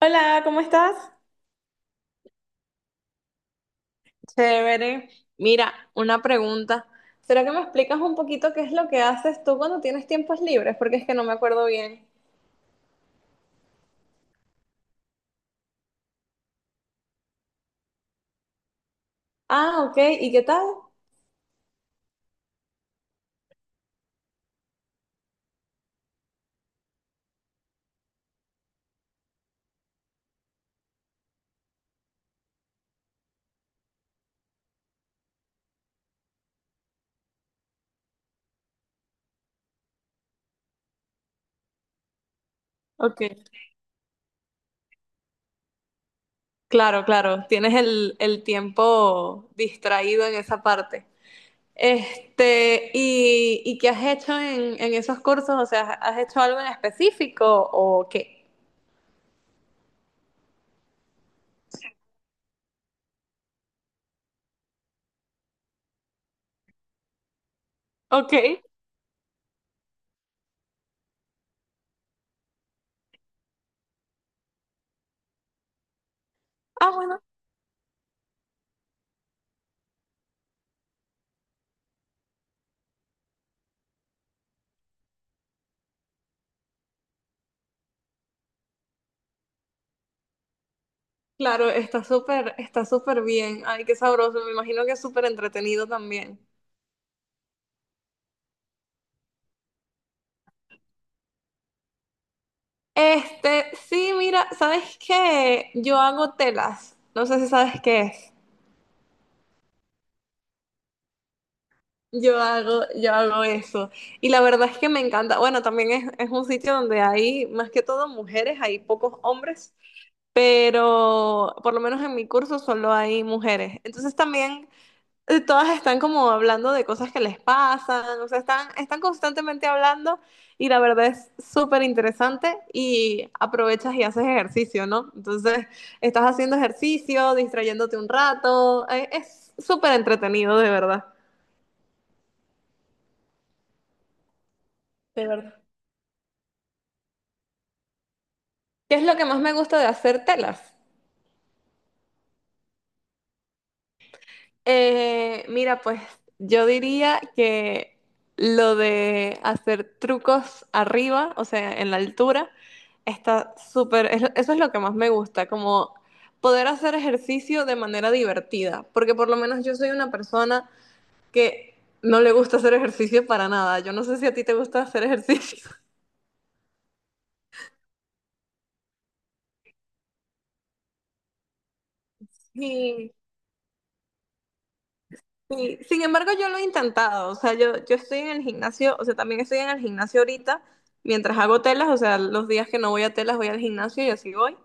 Hola, ¿cómo estás? Chévere. Mira, una pregunta. ¿Será que me explicas un poquito qué es lo que haces tú cuando tienes tiempos libres? Porque es que no me acuerdo bien. Ah, ok. ¿Y qué tal? Ok. Claro, claro. Tienes el tiempo distraído en esa parte. Este, ¿y qué has hecho en esos cursos? O sea, ¿has hecho algo en específico o qué? Ok. Ah, bueno. Claro, está súper bien. Ay, qué sabroso. Me imagino que es súper entretenido también. Este, sí, mira, ¿sabes qué? Yo hago telas. No sé si sabes qué es. Yo hago eso. Y la verdad es que me encanta. Bueno, también es un sitio donde hay más que todo mujeres, hay pocos hombres, pero por lo menos en mi curso solo hay mujeres. Entonces también todas están como hablando de cosas que les pasan, o sea, están, están constantemente hablando y la verdad es súper interesante y aprovechas y haces ejercicio, ¿no? Entonces, estás haciendo ejercicio, distrayéndote un rato, es súper entretenido, de verdad. De verdad. ¿Qué es lo que más me gusta de hacer telas? Mira, pues yo diría que lo de hacer trucos arriba, o sea, en la altura, está súper, eso es lo que más me gusta, como poder hacer ejercicio de manera divertida, porque por lo menos yo soy una persona que no le gusta hacer ejercicio para nada. Yo no sé si a ti te gusta hacer ejercicio. Sí. Sí, sin embargo, yo lo he intentado, o sea, yo estoy en el gimnasio, o sea, también estoy en el gimnasio ahorita, mientras hago telas, o sea, los días que no voy a telas voy al gimnasio y así voy.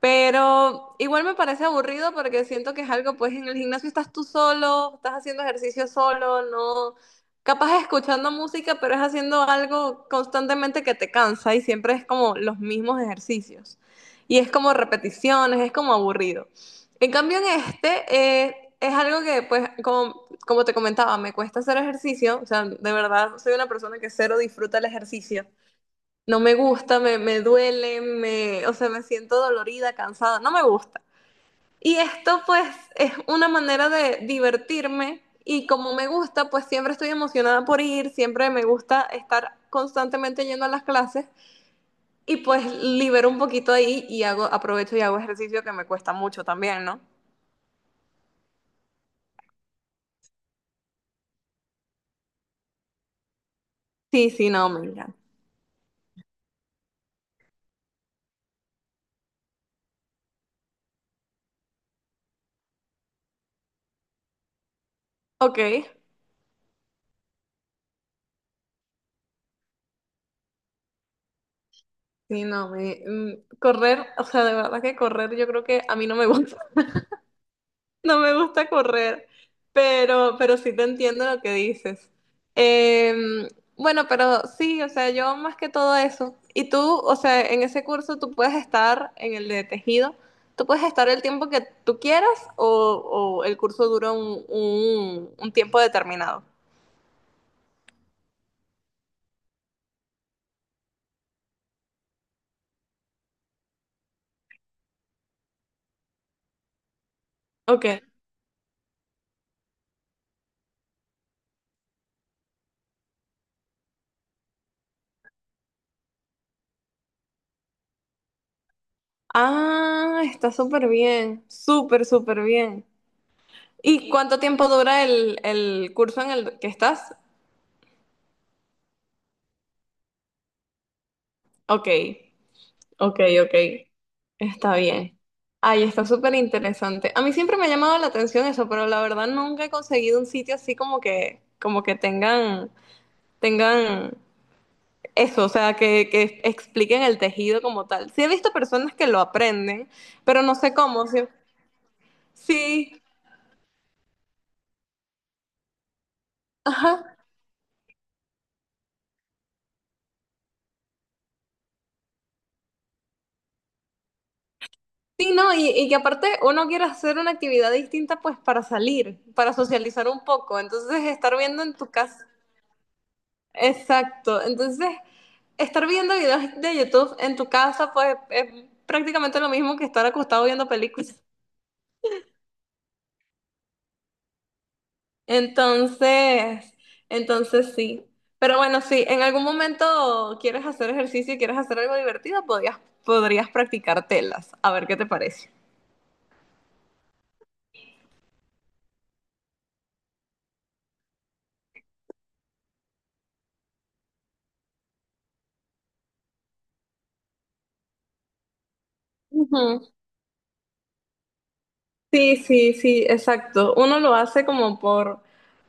Pero igual me parece aburrido porque siento que es algo, pues en el gimnasio estás tú solo, estás haciendo ejercicio solo, no, capaz escuchando música, pero es haciendo algo constantemente que te cansa y siempre es como los mismos ejercicios. Y es como repeticiones, es como aburrido. En cambio en este eh, es algo que, pues, como, como te comentaba, me cuesta hacer ejercicio, o sea, de verdad soy una persona que cero disfruta el ejercicio. No me gusta, me duele, me, o sea, me siento dolorida, cansada, no me gusta. Y esto pues es una manera de divertirme y como me gusta, pues siempre estoy emocionada por ir, siempre me gusta estar constantemente yendo a las clases y pues libero un poquito ahí y hago, aprovecho y hago ejercicio que me cuesta mucho también, ¿no? Sí, sí, no, me encanta. Ok, sí, no, me, correr, o sea, de verdad que correr yo creo que a mí no me gusta. No me gusta correr, pero sí te entiendo lo que dices. Em, bueno, pero sí, o sea, yo más que todo eso. Y tú, o sea, en ese curso tú puedes estar, en el de tejido, tú puedes estar el tiempo que tú quieras o el curso dura un tiempo determinado. Ok. Ah, está súper bien, súper, súper bien. ¿Y cuánto tiempo dura el curso en el que estás? Ok. Ok, ok. Está bien. Ay, está súper interesante. A mí siempre me ha llamado la atención eso, pero la verdad nunca he conseguido un sitio así como que tengan, tengan eso, o sea, que expliquen el tejido como tal. Sí he visto personas que lo aprenden, pero no sé cómo. Sí, sí, ajá. Sí, no, y que aparte uno quiere hacer una actividad distinta pues para salir, para socializar un poco. Entonces, estar viendo en tu casa. Exacto. Entonces, estar viendo videos de YouTube en tu casa, pues es prácticamente lo mismo que estar acostado viendo películas. Entonces, entonces sí. Pero bueno, si en algún momento quieres hacer ejercicio y quieres hacer algo divertido, podías, podrías practicar telas. A ver qué te parece. Ujú. Sí, sí, sí, exacto. Uno lo hace como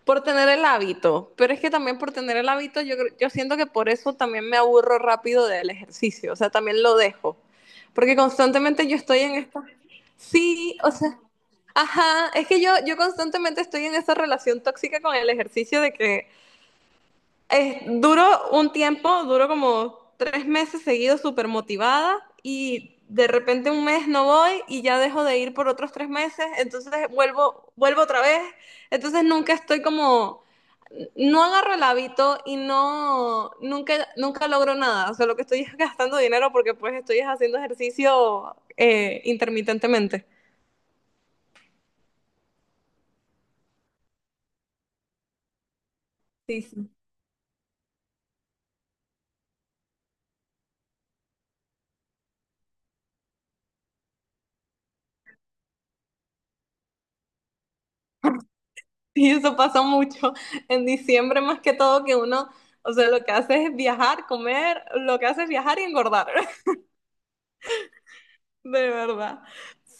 por tener el hábito, pero es que también por tener el hábito, yo, yo siento que por eso también me aburro rápido del ejercicio, o sea, también lo dejo, porque constantemente yo estoy en esta... Sí, o sea, ajá, es que yo constantemente estoy en esa relación tóxica con el ejercicio de que es, duró un tiempo, duró como tres meses seguidos súper motivada y de repente un mes no voy y ya dejo de ir por otros tres meses, entonces vuelvo, vuelvo otra vez, entonces nunca estoy como, no agarro el hábito y no, nunca, nunca logro nada, o sea, lo que estoy es gastando dinero porque pues estoy es haciendo ejercicio intermitentemente. Sí, sí. Y eso pasa mucho en diciembre más que todo que uno, o sea, lo que hace es viajar, comer, lo que hace es viajar y engordar, de verdad.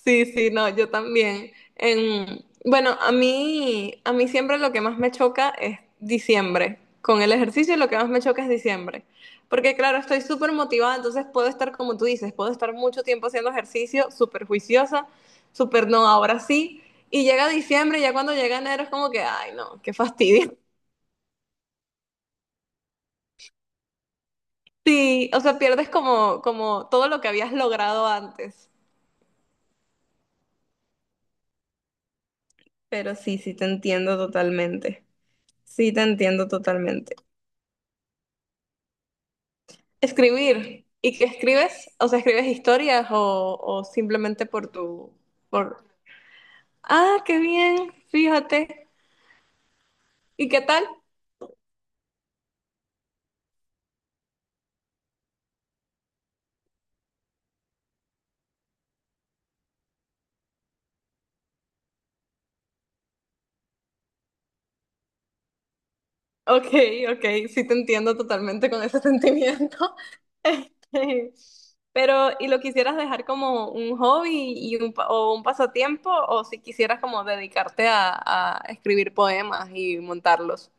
Sí, sí, no, yo también. En, bueno, a mí siempre lo que más me choca es diciembre. Con el ejercicio lo que más me choca es diciembre. Porque claro, estoy súper motivada, entonces puedo estar como tú dices, puedo estar mucho tiempo haciendo ejercicio, súper juiciosa, súper no, ahora sí. Y llega diciembre, y ya cuando llega enero es como que, ay, no, qué fastidio. Sí, o sea, pierdes como, como todo lo que habías logrado antes. Pero sí, sí te entiendo totalmente. Sí te entiendo totalmente. Escribir. ¿Y qué escribes? O sea, ¿escribes historias o simplemente por tu, por... Ah, qué bien, fíjate. ¿Y qué tal? Ok, ok, sí te entiendo totalmente con ese sentimiento. Este, pero, ¿y lo quisieras dejar como un hobby y un, o un pasatiempo? ¿O si quisieras como dedicarte a escribir poemas y montarlos?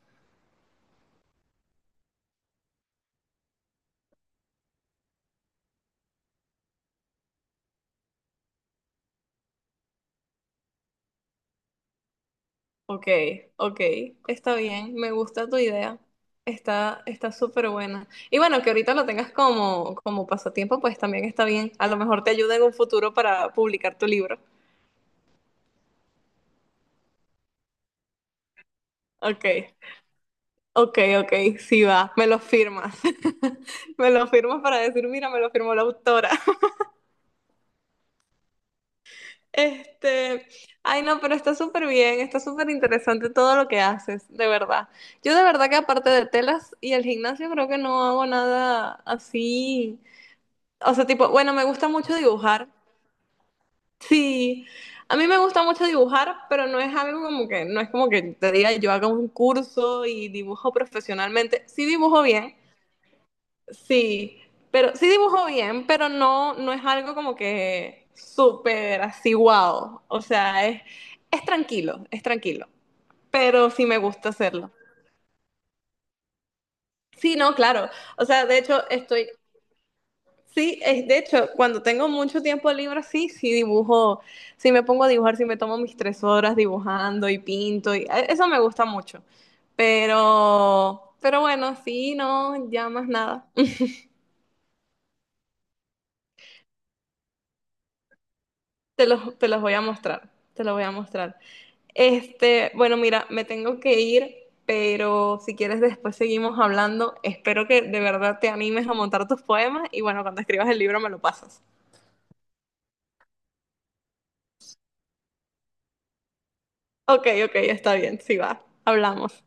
Ok, ok, está bien, me gusta tu idea. Está, está súper buena. Y bueno, que ahorita lo tengas como, como pasatiempo, pues también está bien. A lo mejor te ayuda en un futuro para publicar tu libro. Ok. Ok, ok, sí va, me lo firmas. Me lo firmas para decir, mira, me lo firmó la autora. Este, ay no, pero está súper bien, está súper interesante todo lo que haces, de verdad. Yo de verdad que aparte de telas y el gimnasio creo que no hago nada así. O sea, tipo, bueno, me gusta mucho dibujar. Sí, a mí me gusta mucho dibujar, pero no es algo como que, no es como que te diga yo haga un curso y dibujo profesionalmente. Sí dibujo bien, Sí, pero sí dibujo bien, pero no, no es algo como que súper así wow. O sea, es tranquilo, pero sí me gusta hacerlo. Sí, no, claro. O sea, de hecho, estoy, sí, es, de hecho, cuando tengo mucho tiempo libre, sí, sí dibujo, sí me pongo a dibujar, sí me tomo mis tres horas dibujando y pinto, y eso me gusta mucho. Pero bueno, sí, no, ya más nada. Te los voy a mostrar, te los voy a mostrar. Este, bueno, mira, me tengo que ir, pero si quieres después seguimos hablando. Espero que de verdad te animes a montar tus poemas y bueno, cuando escribas el libro me lo pasas. Ok, ok, está bien, sí va. Hablamos.